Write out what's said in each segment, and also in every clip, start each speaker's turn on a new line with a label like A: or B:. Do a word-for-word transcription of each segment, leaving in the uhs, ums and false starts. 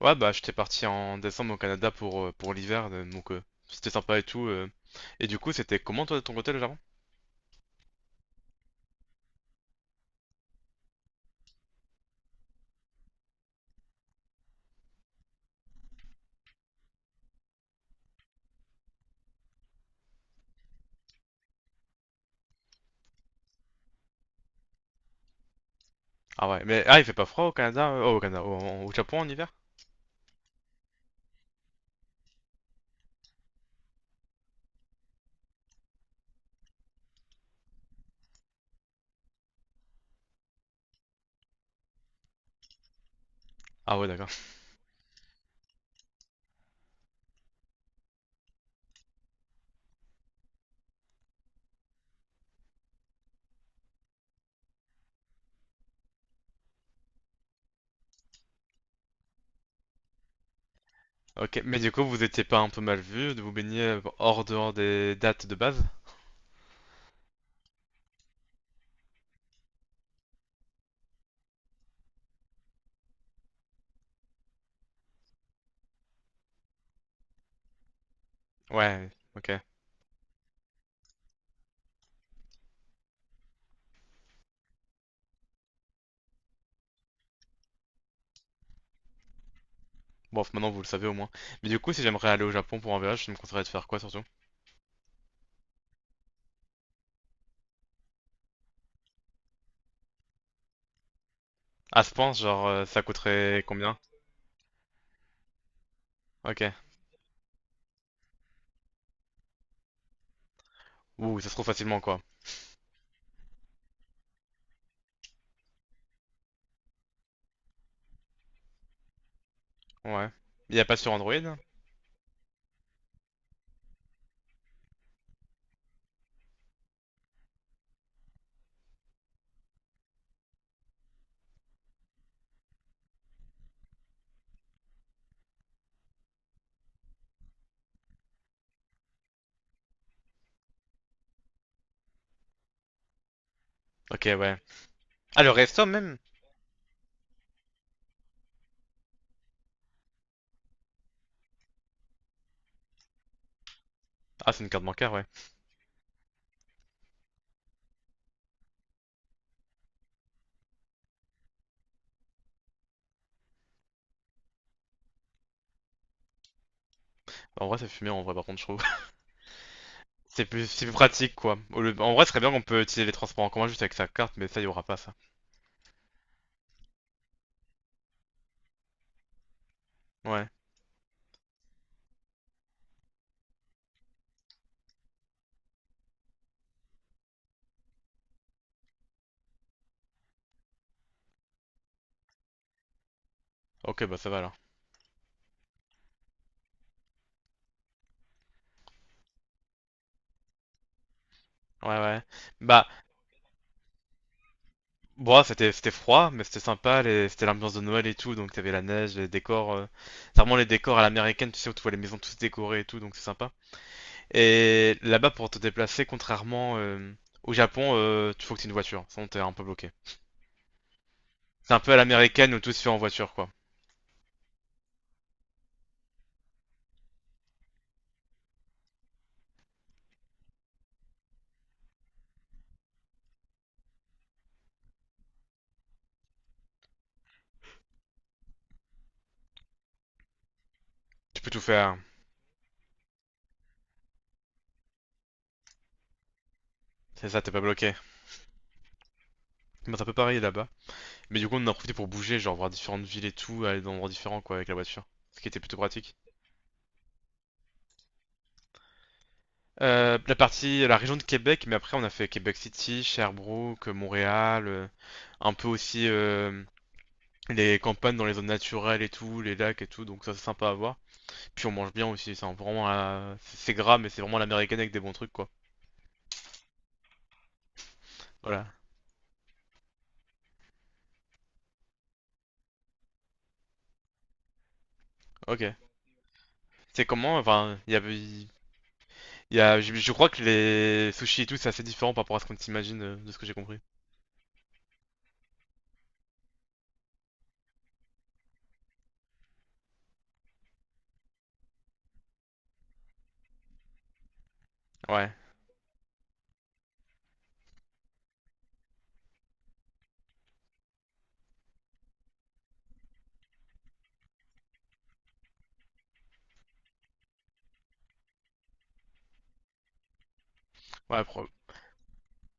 A: Ouais, bah j'étais parti en décembre au Canada pour, euh, pour l'hiver, euh, donc euh, c'était sympa et tout. euh. Et du coup, c'était comment toi de ton côté le Japon? Ah ouais, mais ah, il fait pas froid au Canada, euh, oh, au Canada, au, en- au Japon en hiver? Ah ouais, d'accord. Ok, mais du coup, vous étiez pas un peu mal vu de vous baigner euh, hors dehors des dates de base? Ouais, ok. Bon, maintenant vous le savez au moins. Mais du coup, si j'aimerais aller au Japon pour un voyage, tu me conseillerais de faire quoi surtout? À ce point, genre, euh, ça coûterait combien? Ok. Ouh, ça se trouve facilement quoi. Ouais. Il y a pas sur Android? Ok, ouais. Ah, le resto même? Ah, c'est une carte bancaire, ouais. En vrai, ça fume bien, en vrai, par contre, je trouve. C'est plus, c'est plus pratique, quoi. Au lieu- En vrai, ce serait bien qu'on peut utiliser les transports en commun juste avec sa carte, mais ça, il y aura pas ça. Ouais. Ok, bah ça va alors. Ouais, ouais. Bah, bon, c'était c'était froid, mais c'était sympa, les... c'était l'ambiance de Noël et tout, donc t'avais la neige, les décors. euh, C'est vraiment les décors à l'américaine, tu sais, où tu vois les maisons toutes décorées et tout, donc c'est sympa. Et là-bas, pour te déplacer, contrairement euh, au Japon, euh, tu faut que t'aies une voiture, sinon t'es un peu bloqué. C'est un peu à l'américaine où tout se fait en voiture, quoi. Tu peux tout faire. C'est ça, t'es pas bloqué. Mais c'est un peu pareil là-bas. Mais du coup, on en a profité pour bouger, genre voir différentes villes et tout, aller dans des endroits différents quoi avec la voiture, ce qui était plutôt pratique. Euh, la partie, la région de Québec, mais après on a fait Québec City, Sherbrooke, Montréal, euh, un peu aussi euh, les campagnes dans les zones naturelles et tout, les lacs et tout, donc ça c'est sympa à voir. Puis on mange bien aussi, c'est vraiment la- c'est gras, mais c'est vraiment l'américaine avec des bons trucs quoi. Voilà, ok. C'est comment, enfin, il y avait, il y a, je, je crois que les sushis et tout c'est assez différent par rapport à ce qu'on s'imagine euh, de ce que j'ai compris. Ouais, ouais, pro-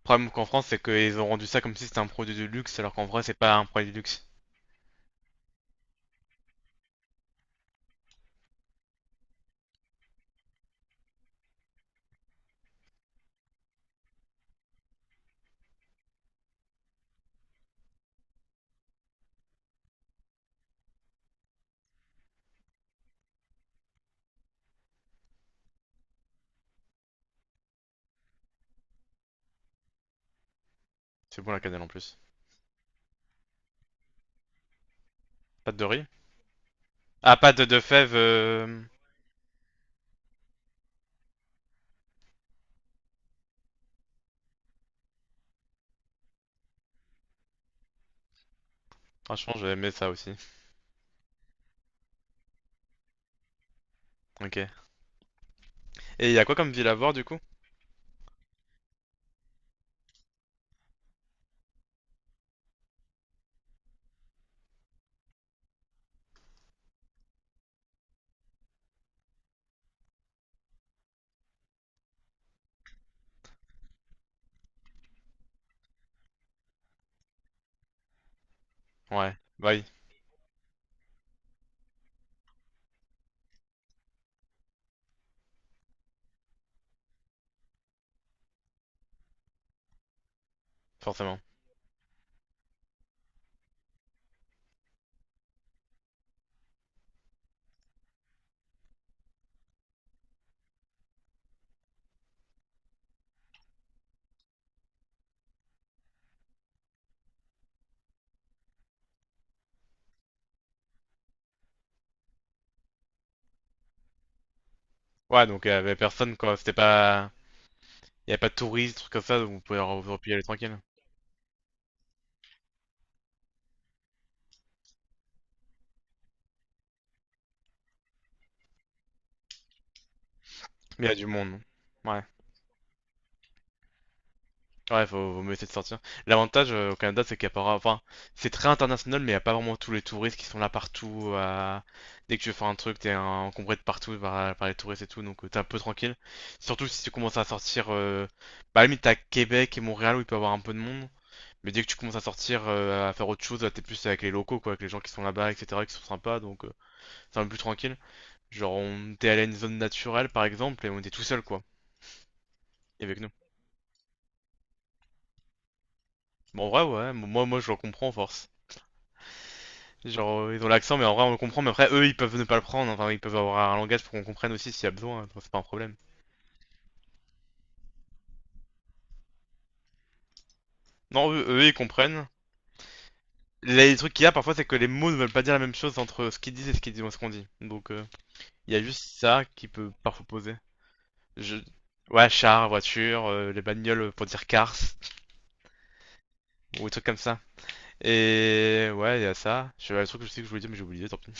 A: Le problème qu'en France, c'est qu'ils ont rendu ça comme si c'était un produit de luxe, alors qu'en vrai, c'est pas un produit de luxe. C'est bon la cannelle en plus. Pâte de riz? Ah, pâte de fèves. euh, Franchement, j'ai aimé ça aussi. Ok. Et il y a quoi comme ville à voir du coup? Ouais, bah oui, forcément. Ouais, donc il y avait personne quoi. C'était pas. Il y avait pas de touristes, trucs comme ça, donc vous pouvez vous replier aller tranquille. Mais il y a du monde. Ouais. Ouais, faut, vaut mieux essayer de sortir. L'avantage euh, au Canada, c'est qu'il n'y a pas vraiment- enfin, c'est très international, mais il n'y a pas vraiment tous les touristes qui sont là partout. à- Dès que tu veux faire un truc, t'es encombré de partout par, par les touristes et tout, donc euh, t'es un peu tranquille. Surtout si tu commences à sortir... Euh... Bah, à la limite, t'as Québec et Montréal où il peut y avoir un peu de monde. Mais dès que tu commences à sortir, euh, à faire autre chose, t'es plus avec les locaux, quoi, avec les gens qui sont là-bas, et cetera, qui sont sympas, donc euh, c'est un peu plus tranquille. Genre, on était allé à une zone naturelle, par exemple, et on était tout seul, quoi, avec nous. Bon, en vrai, ouais, moi, moi, je le comprends, en force. Genre, euh, ils ont l'accent, mais en vrai, on le comprend. Mais après, eux, ils peuvent ne pas le prendre. Enfin, ils peuvent avoir un langage pour qu'on comprenne aussi s'il y a besoin. Donc c'est pas un problème. Non, eux, eux, ils comprennent. Les trucs qu'il y a parfois, c'est que les mots ne veulent pas dire la même chose entre ce qu'ils disent et ce qu'ils disent, ce qu'on dit. Donc, euh, il y a juste ça qui peut parfois poser. Je... Ouais, char, voiture, euh, les bagnoles pour dire cars, ou des trucs comme ça. Et ouais, il y a ça. Je Le truc que je sais que je voulais dire, mais j'ai oublié, tant pis.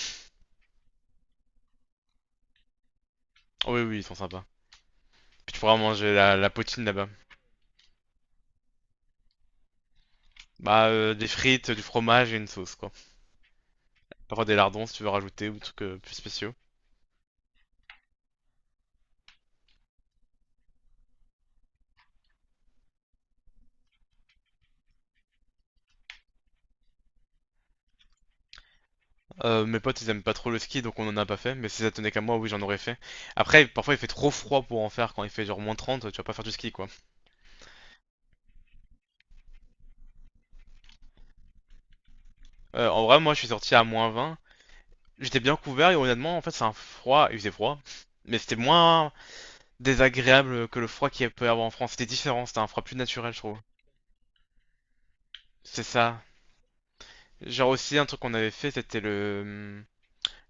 A: Oh, oui, oui, ils sont sympas. Puis tu pourras manger la, la poutine là-bas. Bah, euh, des frites, du fromage et une sauce, quoi. Parfois des lardons si tu veux rajouter ou des trucs euh, plus spéciaux. Euh, mes potes ils aiment pas trop le ski donc on en a pas fait, mais si ça tenait qu'à moi, oui j'en aurais fait. Après, parfois il fait trop froid pour en faire quand il fait genre moins trente tu vas pas faire du ski quoi. Euh, en vrai, moi je suis sorti à moins vingt, j'étais bien couvert et honnêtement, en fait c'est un froid, il faisait froid, mais c'était moins désagréable que le froid qu'il peut y avoir en France, c'était différent, c'était un froid plus naturel je trouve. C'est ça. Genre aussi un truc qu'on avait fait c'était le.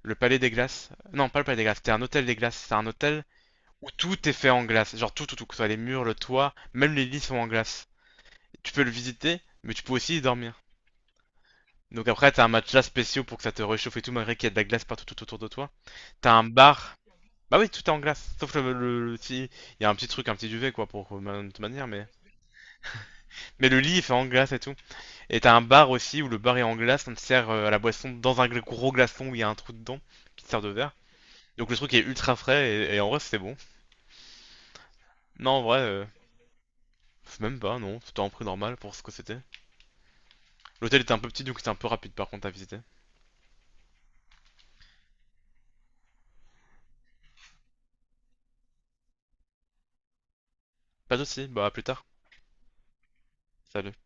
A: Le palais des glaces. Non, pas le palais des glaces, c'était un hôtel des glaces. C'est un hôtel où tout est fait en glace. Genre tout, tout, tout, que ce soit les murs, le toit, même les lits sont en glace. Tu peux le visiter, mais tu peux aussi y dormir. Donc après, t'as un matelas spécial pour que ça te réchauffe et tout, malgré qu'il y a de la glace partout tout autour de toi. T'as un bar. Bah oui, tout est en glace, sauf le, le, le petit... Il y a un petit truc, un petit duvet, quoi, pour de toute manière, mais... Mais le lit, il fait en glace et tout. Et t'as un bar aussi, où le bar est en glace, on te sert euh, à la boisson dans un gros glaçon où il y a un trou dedans, qui te sert de verre. Donc le truc est ultra frais, et, et en vrai, c'était bon. Non, en vrai, euh, même pas, non, c'était un prix normal pour ce que c'était. L'hôtel était un peu petit donc c'était un peu rapide par contre à visiter. Pas de soucis, bah à plus tard. Salut.